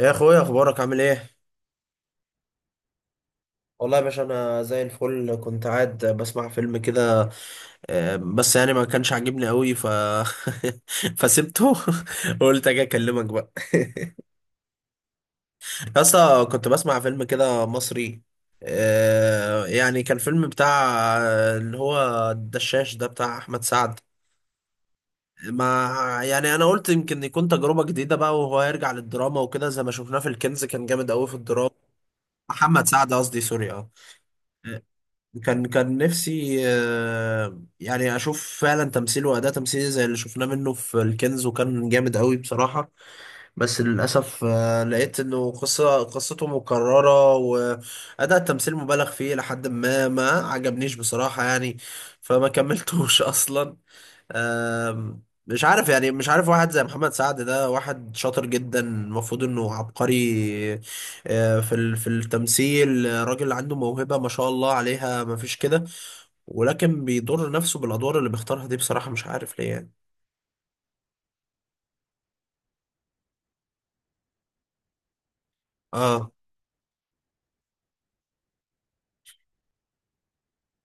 يا اخويا، اخبارك عامل ايه؟ والله يا باشا، انا زي الفل، كنت قاعد بسمع فيلم كده. بس يعني ما كانش عاجبني قوي ف فسبته. قلت اجي اكلمك بقى. اصلا كنت بسمع فيلم كده مصري. يعني كان فيلم بتاع اللي هو الدشاش ده بتاع احمد سعد. ما يعني انا قلت يمكن يكون تجربة جديدة بقى، وهو يرجع للدراما وكده، زي ما شفناه في الكنز كان جامد قوي في الدراما. محمد سعد قصدي، سوري. اه، كان نفسي يعني اشوف فعلا تمثيل واداء تمثيلي زي اللي شفناه منه في الكنز، وكان جامد قوي بصراحه. بس للاسف لقيت انه قصته مكرره، واداء التمثيل مبالغ فيه لحد ما ما عجبنيش بصراحه يعني. فما كملتوش اصلا. آم، مش عارف يعني، مش عارف، واحد زي محمد سعد ده واحد شاطر جدا، المفروض انه عبقري في في التمثيل. راجل عنده موهبة ما شاء الله عليها، ما فيش كده. ولكن بيضر نفسه بالادوار اللي بيختارها دي، بصراحه مش عارف ليه يعني. اه،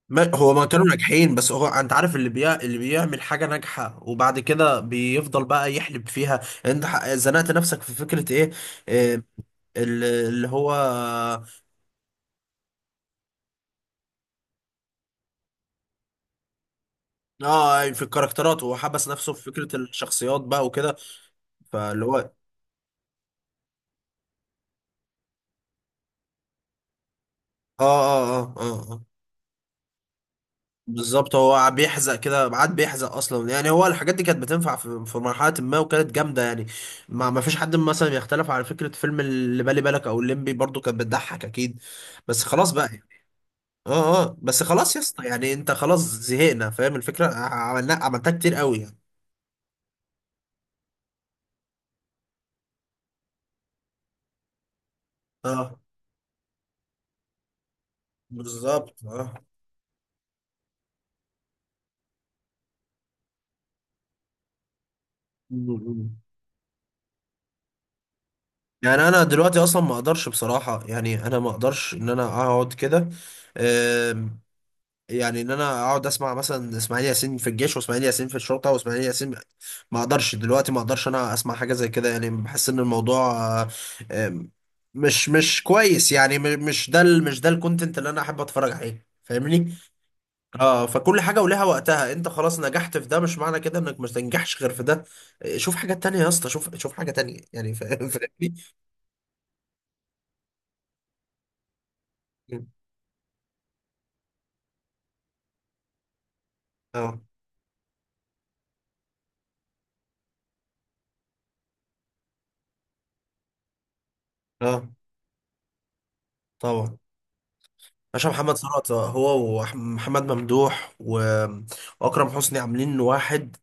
ما هو ما كانوا ناجحين، بس هو انت عارف اللي بيعمل حاجه ناجحه وبعد كده بيفضل بقى يحلب فيها. يعني انت زنقت نفسك في فكره ايه؟ إيه اللي هو. اه، يعني في الكاركترات، وحبس نفسه في فكره الشخصيات بقى وكده. فاللي هو اه. اه اه اه، آه. بالظبط، هو بيحزق كده، عاد بيحزق اصلا. يعني هو الحاجات دي كانت بتنفع في مرحله ما، وكانت جامده يعني. ما فيش حد مثلا يختلف على فكره فيلم اللي بالي بالك او الليمبي، برضو كانت بتضحك اكيد. بس خلاص بقى يعني. اه اه، بس خلاص يا اسطى، يعني انت خلاص زهقنا، فاهم الفكره، عملنا عملتها كتير قوي يعني. اه بالظبط، اه. م- م. يعني انا دلوقتي اصلا ما اقدرش بصراحه، يعني انا ما اقدرش ان انا اقعد كده. يعني ان انا اقعد اسمع مثلا اسماعيل ياسين في الجيش، واسماعيل ياسين في الشرطه، واسماعيل ياسين. ما اقدرش دلوقتي، ما اقدرش انا اسمع حاجه زي كده يعني. بحس ان الموضوع آه، آم، مش كويس يعني. مش ده مش ده الكونتنت اللي انا احب اتفرج عليه، فاهمني. اه، فكل حاجه ولها وقتها. انت خلاص نجحت في ده، مش معنى كده انك مش تنجحش غير في ده. شوف حاجات تانية يا اسطى، شوف شوف حاجه تانية يعني. فاهمني. اه اه، طبعا. باشا، محمد ثروت هو ومحمد ممدوح و- واكرم حسني عاملين واحد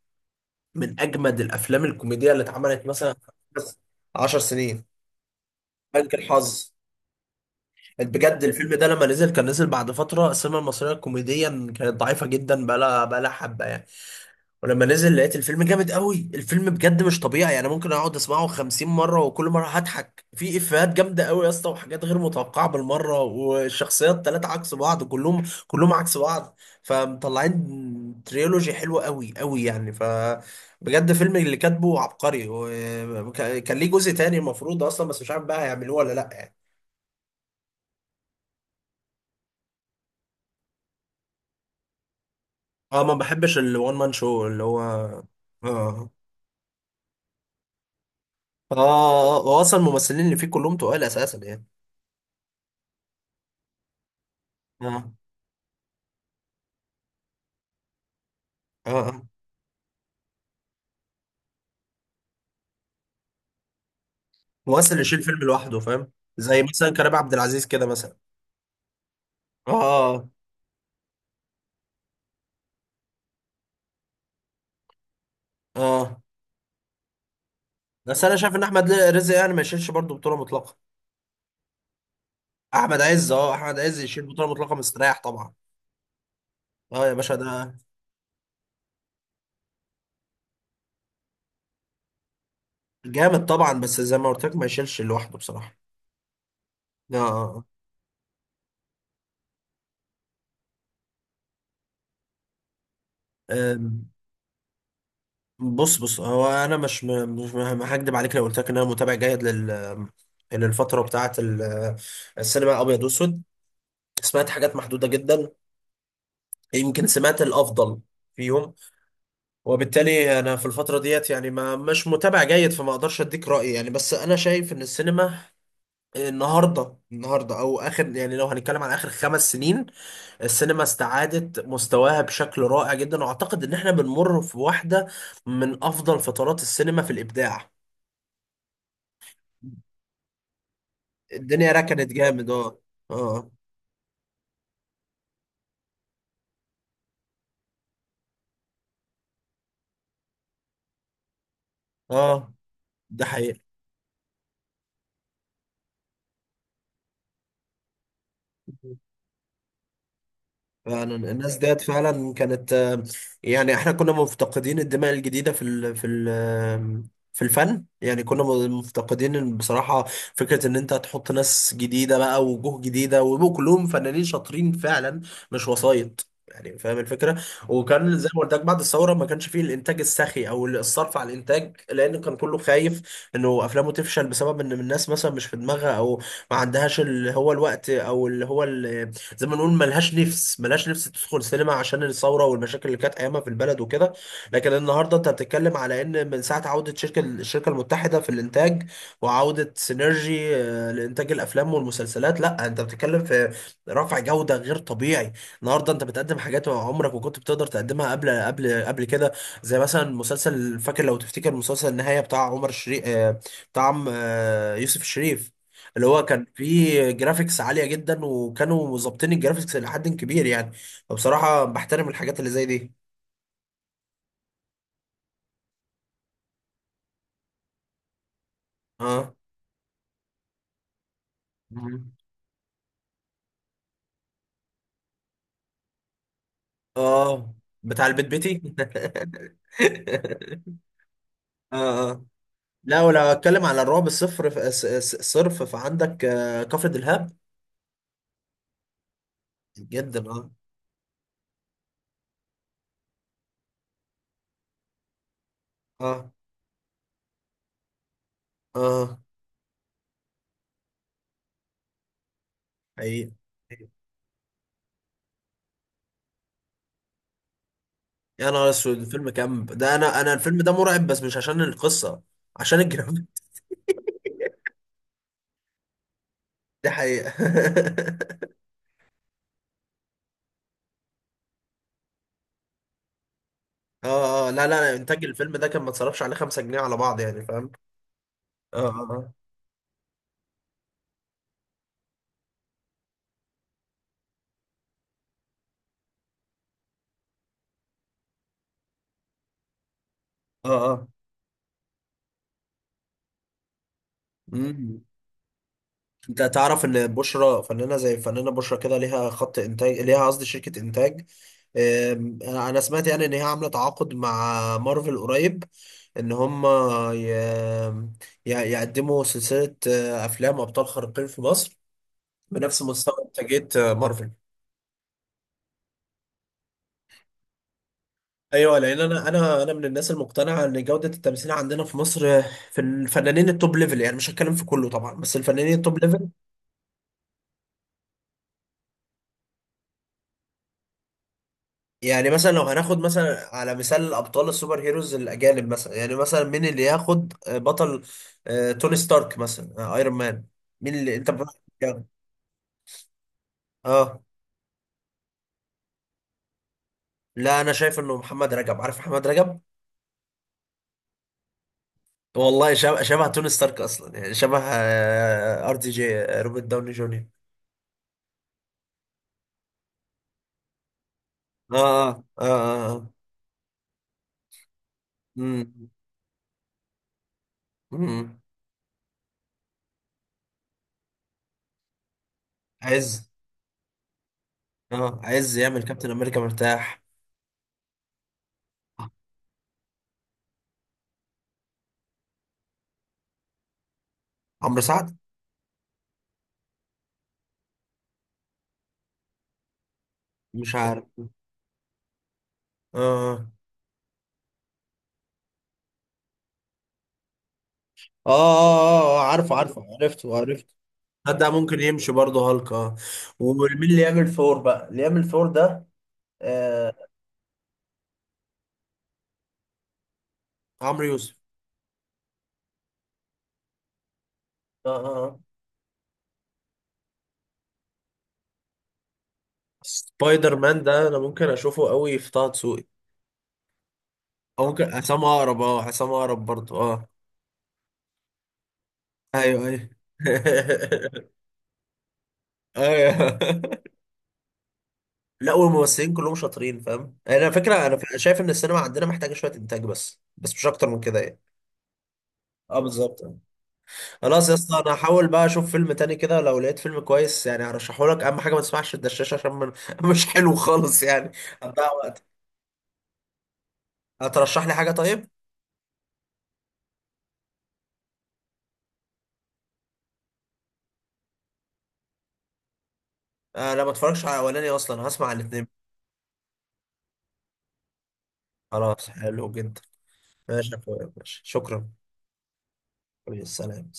من اجمد الافلام الكوميديه اللي اتعملت مثلا. بس 10 سنين. بنك الحظ. بجد الفيلم ده لما نزل، كان نزل بعد فتره السينما المصريه كوميديا كانت ضعيفه جدا، بقى لها حبه يعني. ولما نزل لقيت الفيلم جامد قوي. الفيلم بجد مش طبيعي، يعني ممكن اقعد اسمعه 50 مره، وكل مره هضحك في افيهات جامده قوي يا اسطى، وحاجات غير متوقعه بالمره، والشخصيات ثلاثه عكس بعض، كلهم كلهم عكس بعض. فمطلعين تريلوجي حلوه قوي قوي يعني ف. بجد فيلم، اللي كاتبه عبقري، وكان ليه جزء تاني المفروض اصلا، بس مش عارف بقى هيعملوه ولا لا يعني. اه، ما بحبش الوان مان شو اللي هو اه. اه، هو اصلا الممثلين اللي فيه كلهم تقال اساسا يعني. اه اه، ممثل يشيل فيلم لوحده فاهم. زي مثلا كريم عبد العزيز كده مثلا. اه اه، بس انا شايف ان احمد رزق يعني ما يشيلش برضه بطوله مطلقه. احمد عز، اه احمد عز يشيل بطوله مطلقه مستريح طبعا. اه يا باشا ده. جامد طبعا، بس زي ما قلت لك، ما يشيلش لوحده بصراحه. اه، آه. آه. بص بص، هو انا مش مش هكدب عليك لو قلت لك ان انا متابع جيد لل للفتره بتاعه السينما الابيض واسود. سمعت حاجات محدوده جدا، يمكن سمعت الافضل فيهم. وبالتالي انا في الفتره ديت يعني ما، مش متابع جيد، فما اقدرش اديك رايي يعني. بس انا شايف ان السينما النهارده او اخر، يعني لو هنتكلم عن اخر خمس سنين، السينما استعادت مستواها بشكل رائع جدا. واعتقد ان احنا بنمر في واحده من افضل فترات السينما في الابداع. الدنيا ركنت جامد اه. اه اه، ده حقيقي. فعلا الناس ديت فعلا كانت يعني احنا كنا مفتقدين الدماء الجديدة في في ال في الفن يعني. كنا مفتقدين، إن بصراحة فكرة ان انت تحط ناس جديدة بقى ووجوه جديدة، ويبقوا كلهم فنانين شاطرين فعلا، مش وسايط يعني، فاهم الفكرة. وكان زي ما قلت لك، بعد الثورة ما كانش فيه الانتاج السخي او الصرف على الانتاج، لان كان كله خايف انه افلامه تفشل بسبب ان الناس مثلا مش في دماغها، او ما عندهاش اللي هو الوقت، او اللي هو زي ما نقول ملهاش نفس، ملهاش نفس تدخل سينما عشان الثوره والمشاكل اللي كانت ايامها في البلد وكده. لكن النهارده انت بتتكلم على ان من ساعه عوده شركه، الشركه المتحده في الانتاج وعوده سينرجي لانتاج الافلام والمسلسلات، لا انت بتتكلم في رفع جوده غير طبيعي. النهارده انت بتقدم حاجات عمرك ما كنت بتقدر تقدمها قبل كده. زي مثلا مسلسل، فاكر لو تفتكر مسلسل النهايه بتاع عمر شريف بتاع يوسف الشريف، اللي هو كان فيه جرافيكس عالية جدا، وكانوا مظبطين الجرافيكس لحد كبير يعني. فبصراحة بحترم الحاجات اللي زي دي. اه، مم. اه، بتاع البيت بيتي. اه اه، لا ولو اتكلم على الرعب الصفر صرف، فعندك كفر دلهاب، جدا اه. اه اه، حقيقي. يا نهار اسود، الفيلم كامب ده، انا الفيلم ده مرعب بس مش عشان القصة، عشان الجرافيك. دي حقيقة. اه اه، لا لا، انتاج الفيلم ده كان ما اتصرفش عليه 5 جنيه على بعض يعني، فاهم. اه اه اه اه، امم. انت تعرف ان بشرى، فنانه زي فنانه بشرى كده، ليها خط انتاج ليها، قصدي شركه انتاج. انا سمعت يعني ان هي عامله تعاقد مع مارفل قريب، ان هم ي... يقدموا سلسله افلام ابطال خارقين في مصر، بنفس مستوى انتاجيه مارفل. ايوه، لان انا من الناس المقتنعه ان جوده التمثيل عندنا في مصر في الفنانين التوب ليفل، يعني مش هتكلم في كله طبعا، بس الفنانين التوب ليفل. يعني مثلا لو هناخد مثلا على مثال ابطال السوبر هيروز الاجانب، مثلا يعني مثلا مين اللي ياخد بطل توني ستارك مثلا، ايرون مان. مين اللي انت اه. لا، انا شايف انه محمد رجب، عارف محمد رجب؟ والله شبه، شبه توني ستارك اصلا يعني، شبه ار دي جي روبرت داوني جونيور. اه اه اه اه، آه. مم. مم. عز. اه، عز يعمل كابتن امريكا مرتاح. عمرو سعد. مش عارف اه. اه اه اه عارفه عارفه، عرفته عرفته. ده ممكن يمشي برضه هالك اه. ومين اللي يعمل ثور بقى، اللي يعمل ثور ده؟ آه. عمرو يوسف. اه اه، آه. سبايدر مان ده انا ممكن اشوفه قوي في طه دسوقي، او ممكن عصام اقرب اه، عصام اقرب برضه اه. ايوه ايوه. ايوه. لا، والممثلين كلهم شاطرين فاهم يعني. انا فكره، انا اه شايف ان السينما عندنا محتاجه شويه انتاج بس، بس مش اكتر من كده يعني. اه بالظبط اه. خلاص يا اسطى، انا هحاول بقى اشوف فيلم تاني كده، لو لقيت فيلم كويس يعني هرشحه لك. اهم حاجه ما تسمعش الدشاش عشان من... مش حلو خالص يعني. هتضيع وقت. هترشح لي حاجه طيب. آه، لا ما اتفرجش على الاولاني اصلا، هسمع الاثنين. خلاص، حلو جدا. ماشي يا اخويا، ماشي، شكرا. حبيبي، سلام.